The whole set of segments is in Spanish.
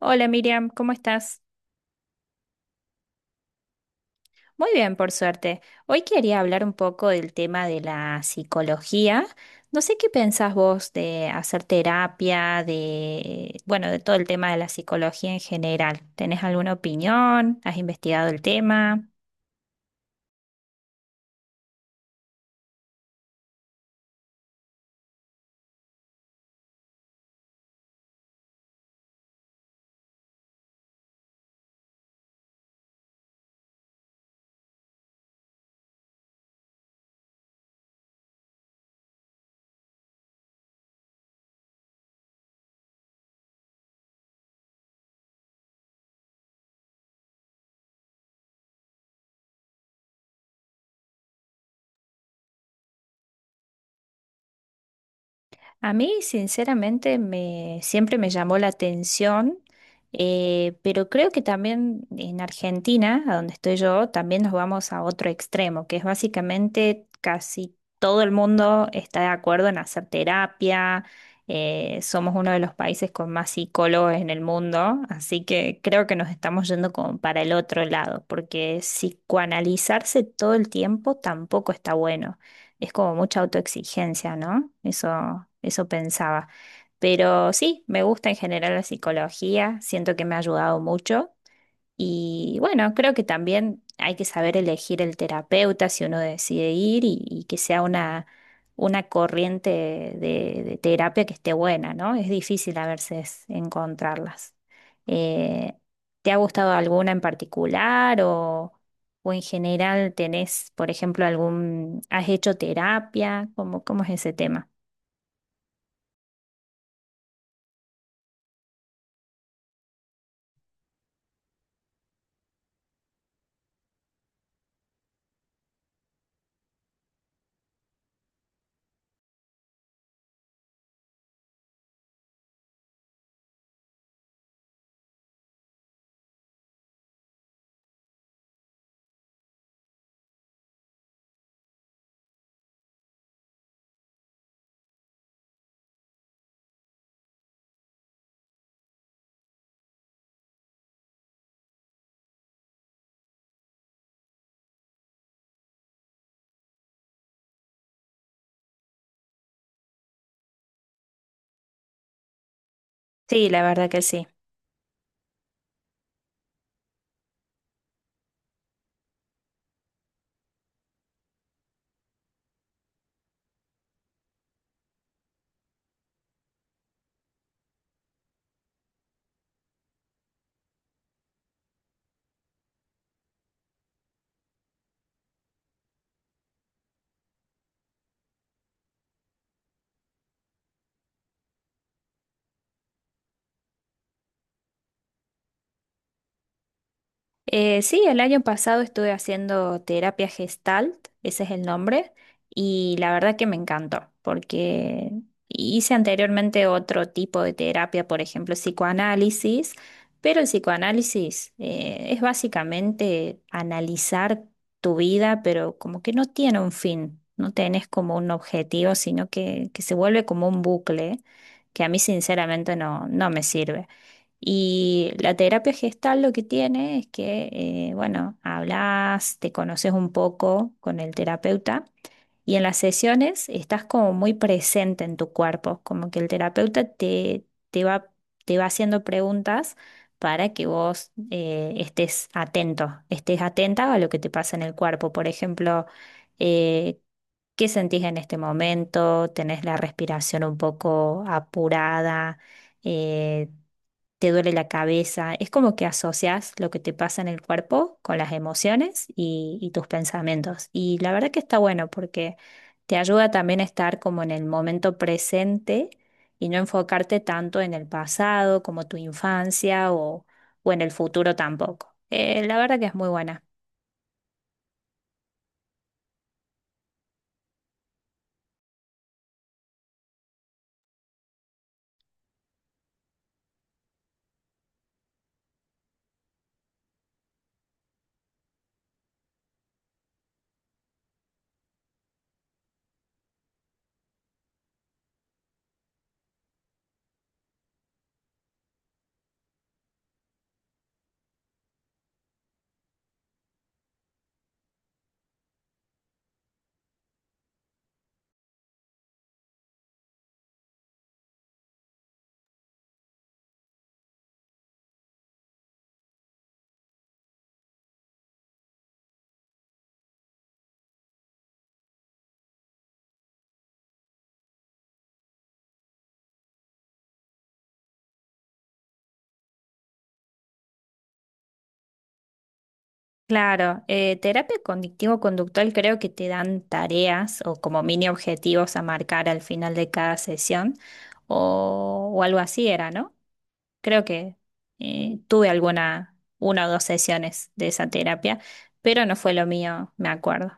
Hola Miriam, ¿cómo estás? Muy bien, por suerte. Hoy quería hablar un poco del tema de la psicología. No sé qué pensás vos de hacer terapia, de, bueno, de todo el tema de la psicología en general. ¿Tenés alguna opinión? ¿Has investigado el tema? A mí, sinceramente, siempre me llamó la atención, pero creo que también en Argentina, a donde estoy yo, también nos vamos a otro extremo, que es básicamente casi todo el mundo está de acuerdo en hacer terapia, somos uno de los países con más psicólogos en el mundo, así que creo que nos estamos yendo como para el otro lado, porque psicoanalizarse todo el tiempo tampoco está bueno, es como mucha autoexigencia, ¿no? Eso pensaba. Pero sí, me gusta en general la psicología, siento que me ha ayudado mucho. Y bueno, creo que también hay que saber elegir el terapeuta si uno decide ir y que sea una corriente de terapia que esté buena, ¿no? Es difícil a veces encontrarlas. Eh, ¿Te ha gustado alguna en particular o en general tenés, por ejemplo, algún, ¿has hecho terapia? ¿ cómo es ese tema? Sí, la verdad que sí. Sí, el año pasado estuve haciendo terapia Gestalt, ese es el nombre, y la verdad que me encantó, porque hice anteriormente otro tipo de terapia, por ejemplo, psicoanálisis, pero el psicoanálisis es básicamente analizar tu vida, pero como que no tiene un fin, no tenés como un objetivo, sino que se vuelve como un bucle que a mí sinceramente no me sirve. Y la terapia gestal lo que tiene es que, bueno, hablas, te conoces un poco con el terapeuta y en las sesiones estás como muy presente en tu cuerpo, como que el terapeuta te va, te va haciendo preguntas para que vos estés atento, estés atenta a lo que te pasa en el cuerpo. Por ejemplo, eh, ¿qué sentís en este momento? ¿Tenés la respiración un poco apurada? Eh, te duele la cabeza. Es como que asocias lo que te pasa en el cuerpo con las emociones y tus pensamientos. Y la verdad que está bueno porque te ayuda también a estar como en el momento presente y no enfocarte tanto en el pasado como tu infancia o en el futuro tampoco. La verdad que es muy buena. Claro, terapia cognitivo-conductual creo que te dan tareas o como mini objetivos a marcar al final de cada sesión o algo así era, ¿no? Creo que tuve alguna, una o dos sesiones de esa terapia, pero no fue lo mío, me acuerdo.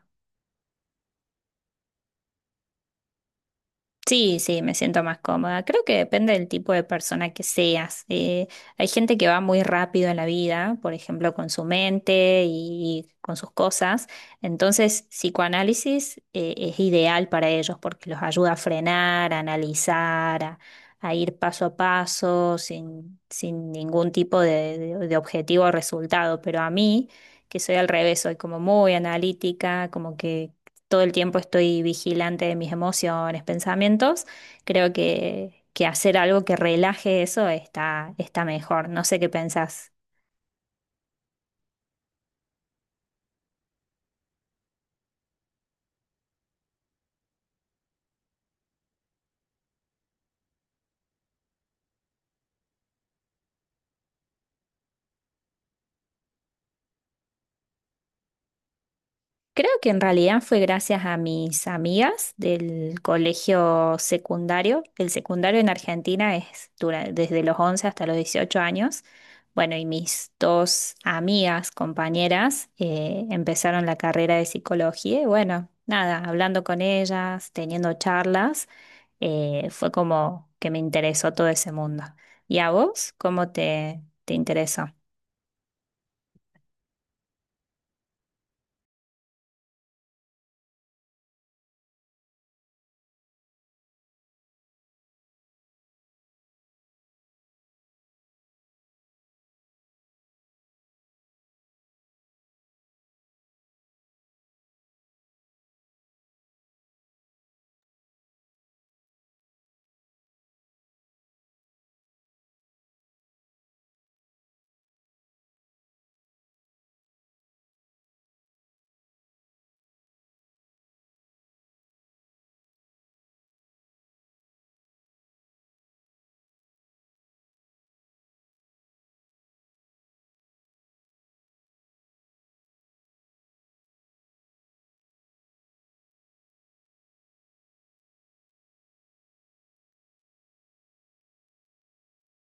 Sí, sí, me siento más cómoda. Creo que depende del tipo de persona que seas. Hay gente que va muy rápido en la vida, por ejemplo, con su mente y con sus cosas. Entonces, psicoanálisis, es ideal para ellos porque los ayuda a frenar, a analizar, a ir paso a paso sin ningún tipo de objetivo o resultado. Pero a mí, que soy al revés, soy como muy analítica, como que todo el tiempo estoy vigilante de mis emociones, pensamientos, creo que hacer algo que relaje eso está mejor. No sé qué pensás. Creo que en realidad fue gracias a mis amigas del colegio secundario. El secundario en Argentina es dura- desde los 11 hasta los 18 años. Bueno, y mis dos amigas, compañeras, empezaron la carrera de psicología y bueno, nada, hablando con ellas, teniendo charlas. Fue como que me interesó todo ese mundo. ¿Y a vos cómo te interesó?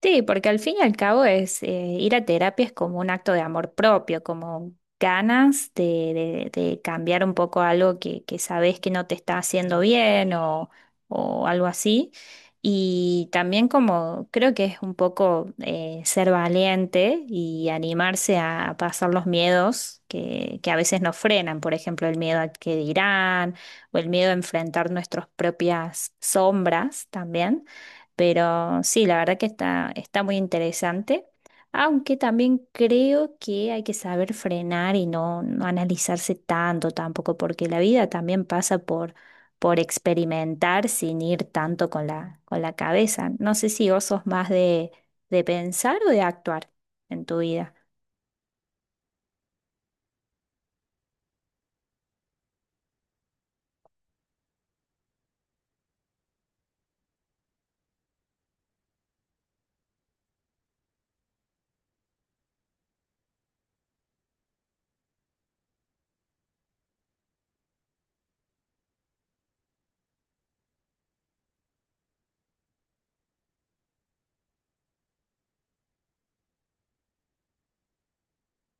Sí, porque al fin y al cabo es ir a terapia es como un acto de amor propio, como ganas de cambiar un poco algo que sabes que no te está haciendo bien o algo así. Y también como creo que es un poco ser valiente y animarse a pasar los miedos que a veces nos frenan, por ejemplo, el miedo a que dirán o el miedo a enfrentar nuestras propias sombras también. Pero sí, la verdad que está muy interesante, aunque también creo que hay que saber frenar y no analizarse tanto tampoco, porque la vida también pasa por experimentar sin ir tanto con con la cabeza. No sé si vos sos más de pensar o de actuar en tu vida.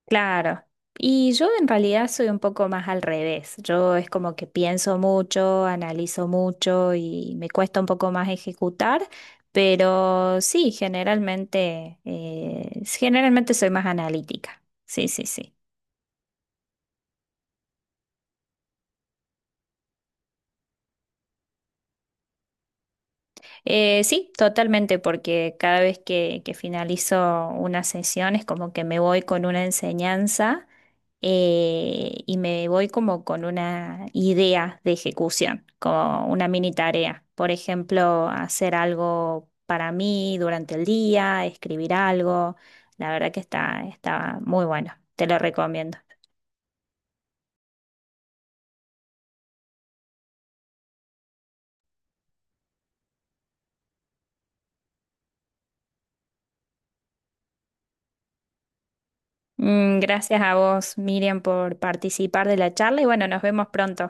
Claro. Y yo en realidad soy un poco más al revés. Yo es como que pienso mucho, analizo mucho y me cuesta un poco más ejecutar, pero sí, generalmente, generalmente soy más analítica. Sí, sí, sí. Sí, totalmente, porque cada vez que finalizo una sesión es como que me voy con una enseñanza y me voy como con una idea de ejecución, como una mini tarea. Por ejemplo, hacer algo para mí durante el día, escribir algo. La verdad que está muy bueno, te lo recomiendo. Mm, gracias a vos, Miriam, por participar de la charla y bueno, nos vemos pronto.